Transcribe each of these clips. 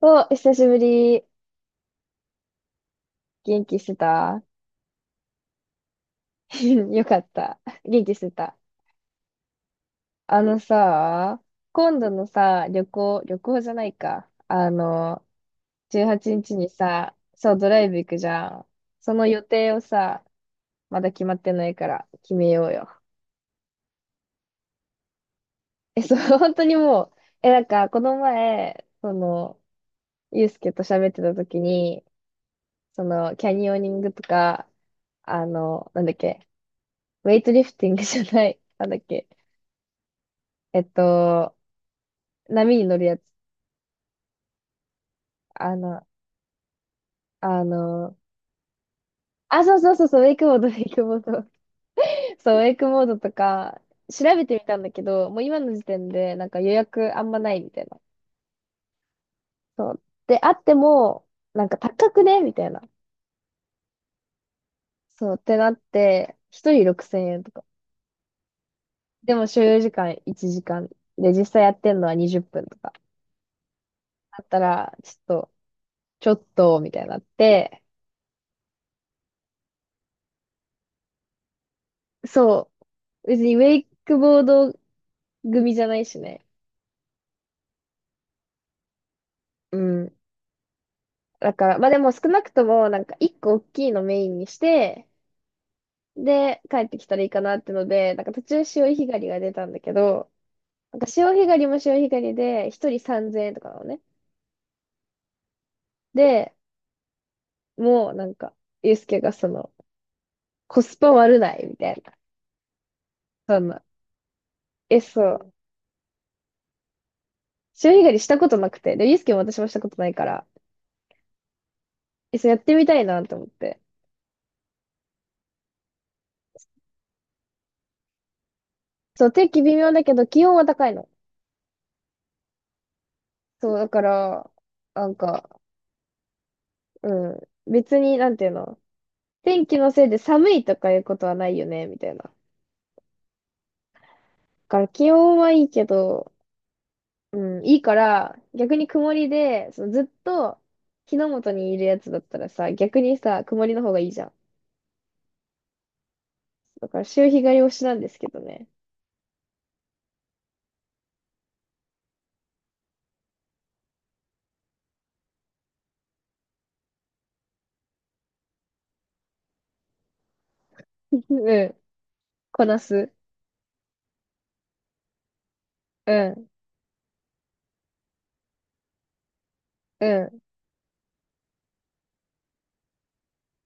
お、久しぶり。元気してた？ よかった。元気してた。あのさ、今度のさ、旅行、旅行じゃないか。18日にちにさ、そう、ドライブ行くじゃん。その予定をさ、まだ決まってないから決めようよ。そう、本当にもう、なんか、この前、その、ゆうすけと喋ってた時に、その、キャニオニングとか、なんだっけ、ウェイトリフティングじゃない、なんだっけ、えっと、波に乗るやつ。あの、あの、あ、そうそうそうそう、ウェイクボード、ウェイクボード。そう、ウェイクボードとか、調べてみたんだけど、もう今の時点で、なんか予約あんまないみたいな。そう。で、あっても、なんか高くねみたいな。そう、ってなって、一人6000円とか。でも所要時間1時間。で、実際やってんのは20分とか。だったら、ちょっと、ちょっと、みたいになって、そう。別にウェイクボード組じゃないしね。うん、だから、まあでも少なくとも、なんか一個大きいのメインにして、で、帰ってきたらいいかなってので、なんか途中潮干狩りが出たんだけど、なんか潮干狩りも潮干狩りで、一人3000円とかなのね。で、もうなんか、ゆうすけがその、コスパ悪ないみたいな。そんな。そうう。潮干狩りしたことなくて。で、ゆうすけも私もしたことないから、そうやってみたいなと思って。そう、天気微妙だけど、気温は高いの。そう、だから、なんか、うん。別に、なんていうの？天気のせいで寒いとかいうことはないよね、みたいな。だから気温はいいけど、うん、いいから、逆に曇りで、そのずっと日の元にいるやつだったらさ、逆にさ、曇りの方がいいじゃん。だから潮干狩り推しなんですけどね。うん、こなす。うん、うん、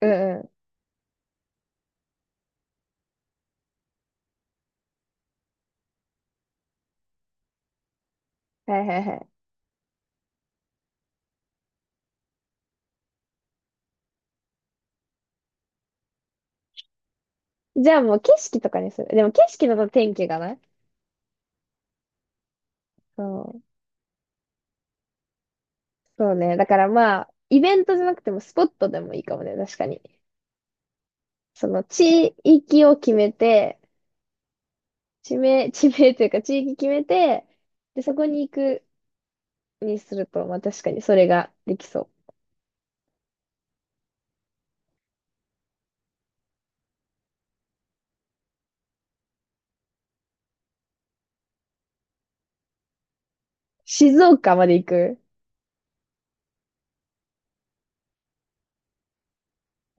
うん、うん。はいはいはい。じゃあもう景色とかにする？でも景色だと天気がない。そう。そうね。だからまあ、イベントじゃなくてもスポットでもいいかもね、確かに。その地域を決めて、地名、地名というか地域決めて、で、そこに行くにすると、まあ確かにそれができそう。静岡まで行く？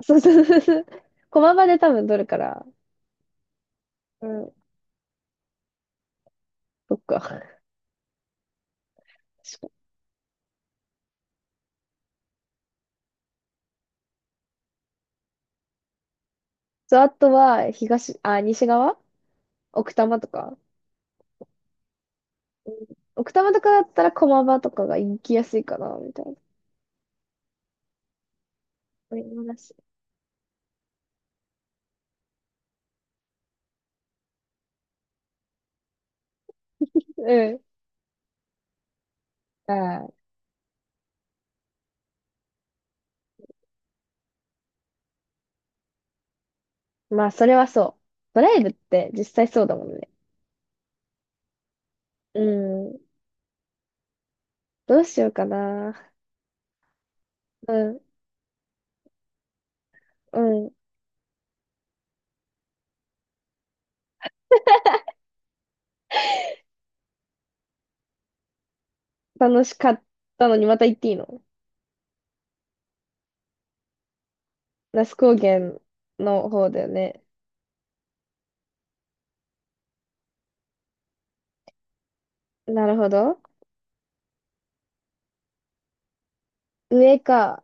そうそうそうそう。駒場で多分取るから。うん。そっか。確かに、そう、あとは、東、あ、西側、奥多摩とか。奥多摩とかだったら駒場とかが行きやすいかな、みたいな。そういう話。うん。あー、まあ、それはそう。ドライブって実際そうだもんね。うん。どうしようかな。うん。うん。楽しかったのにまた行っていいの？那須高原の方だよね。なるほど。上か。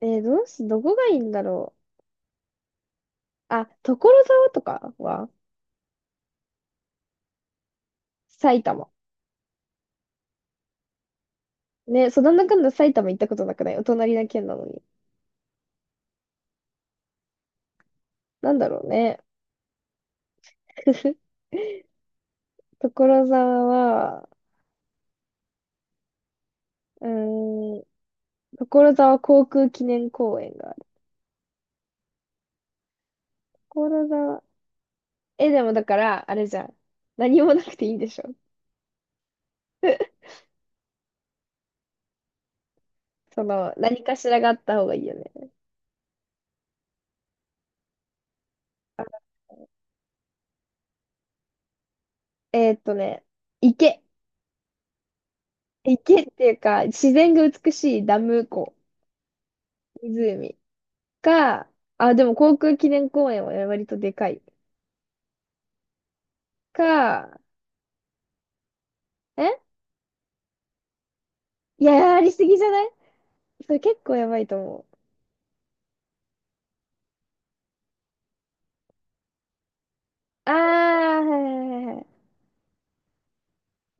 どうし、どこがいいんだろう。あ、所沢とかは埼玉。ね、そんなんだかんだ埼玉行ったことなくない？お隣な県なのに。なんだろうね。所沢は、うーん、所沢航空記念公園がある。所沢。でもだから、あれじゃん。何もなくていいんでしょ？その、何かしらがあった方がいいよね。えーっとね、池。池っていうか、自然が美しいダム湖、湖か、あ、でも航空記念公園は割とでかい。か、えいや、やりすぎじゃない？それ結構やばいと思う。あー、はいはいはいはい。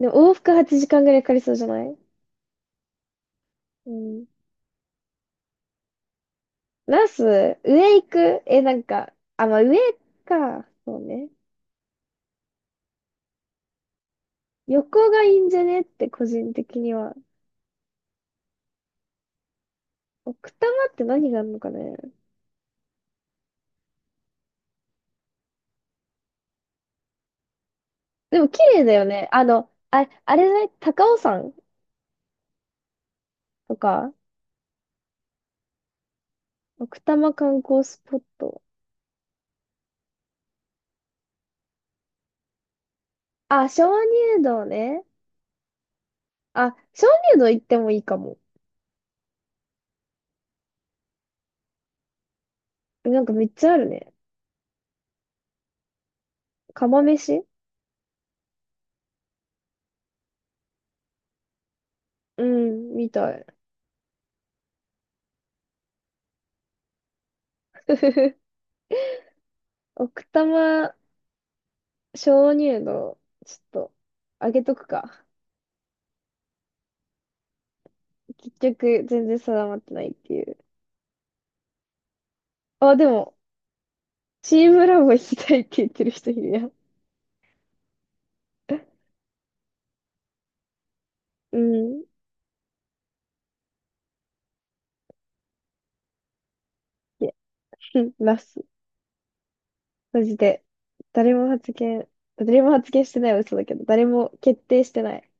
でも往復8時間ぐらいかかりそうじゃない？うん。ナス、上行く？なんか、あ、まあ上か。そうね。横がいいんじゃねって個人的には。奥多摩って何があるのかね？でも綺麗だよね。あ、あれじゃない？高尾山とか、奥多摩観光スポット。あ、鍾乳洞ね。あ、鍾乳洞行ってもいいかも。なんかめっちゃあるね。釜飯？うん、みたい。奥多摩鍾乳洞、ちょっと、あげとくか。結局、全然定まってないっていう。あ、でも、チームラボ行きたいって言ってる人いるやん。うん。いや、うん、ます。マジで。誰も発言、誰も発言してないは嘘だけど、誰も決定してない。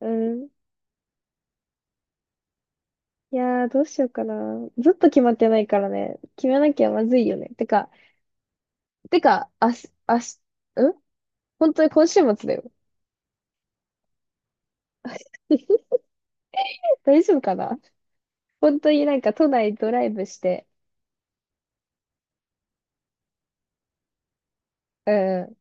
うん。いやー、どうしようかな。ずっと決まってないからね。決めなきゃまずいよね。てか、てか、あし、あし、ん本当に今週末だよ。大丈夫かな？本当になんか都内ドライブして、うん。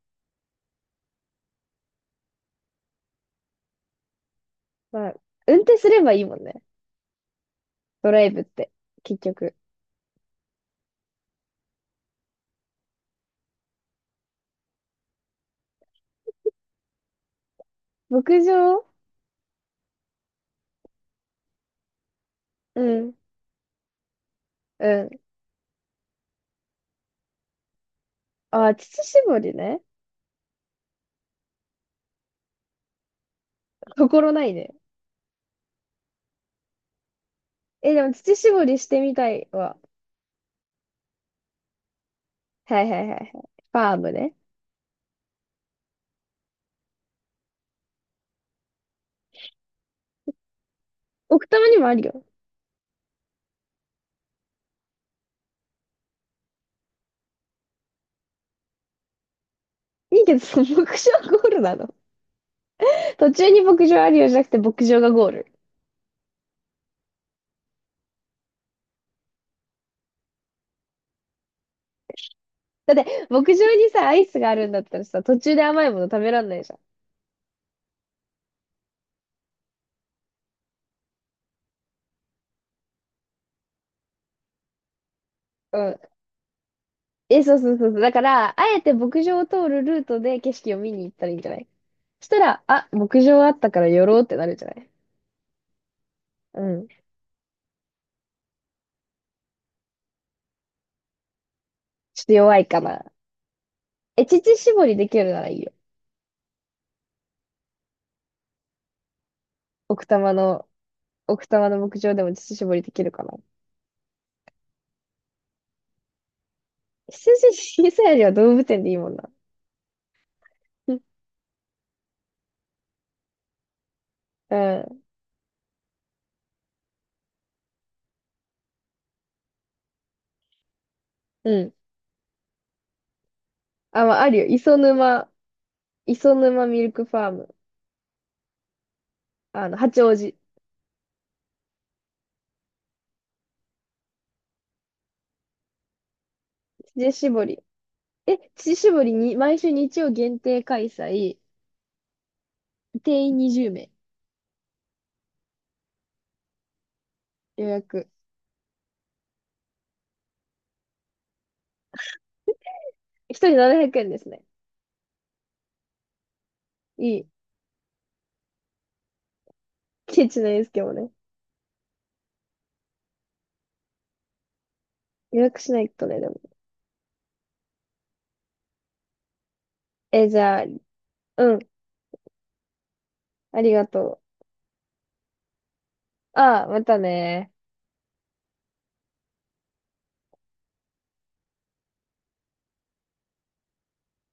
まあ、運転すればいいもんね。ドライブって、結局。牧場？うん、うん。あー、乳搾りね。心ないね。でも乳搾りしてみたいわ。はいはいはいはい。ファームね。奥多摩にもあるよ。いいけど、その牧場ゴールなの？途中に牧場あるよじゃなくて牧場がゴール。だって、牧場にさ、アイスがあるんだったらさ、途中で甘いもの食べらんないじゃん。うん。そうそうそうそう。だから、あえて牧場を通るルートで景色を見に行ったらいいんじゃない？そしたら、あ、牧場あったから寄ろうってなるんじゃない？うん。ちょっと弱いかな。乳搾りできるならいいよ。奥多摩の、奥多摩の牧場でも乳搾りできるかな。羊小さいよりは動物園でいいもんな。うん。うん。あ、まあ、あるよ。磯沼ミルクファーム。八王子。乳搾り。乳搾りに、毎週日曜限定開催。定員20名。予約。一人700円ですね。いい。ケチなですけどね。予約しないとね、でも。じゃあ、うん。ありがとう。ああ、またね。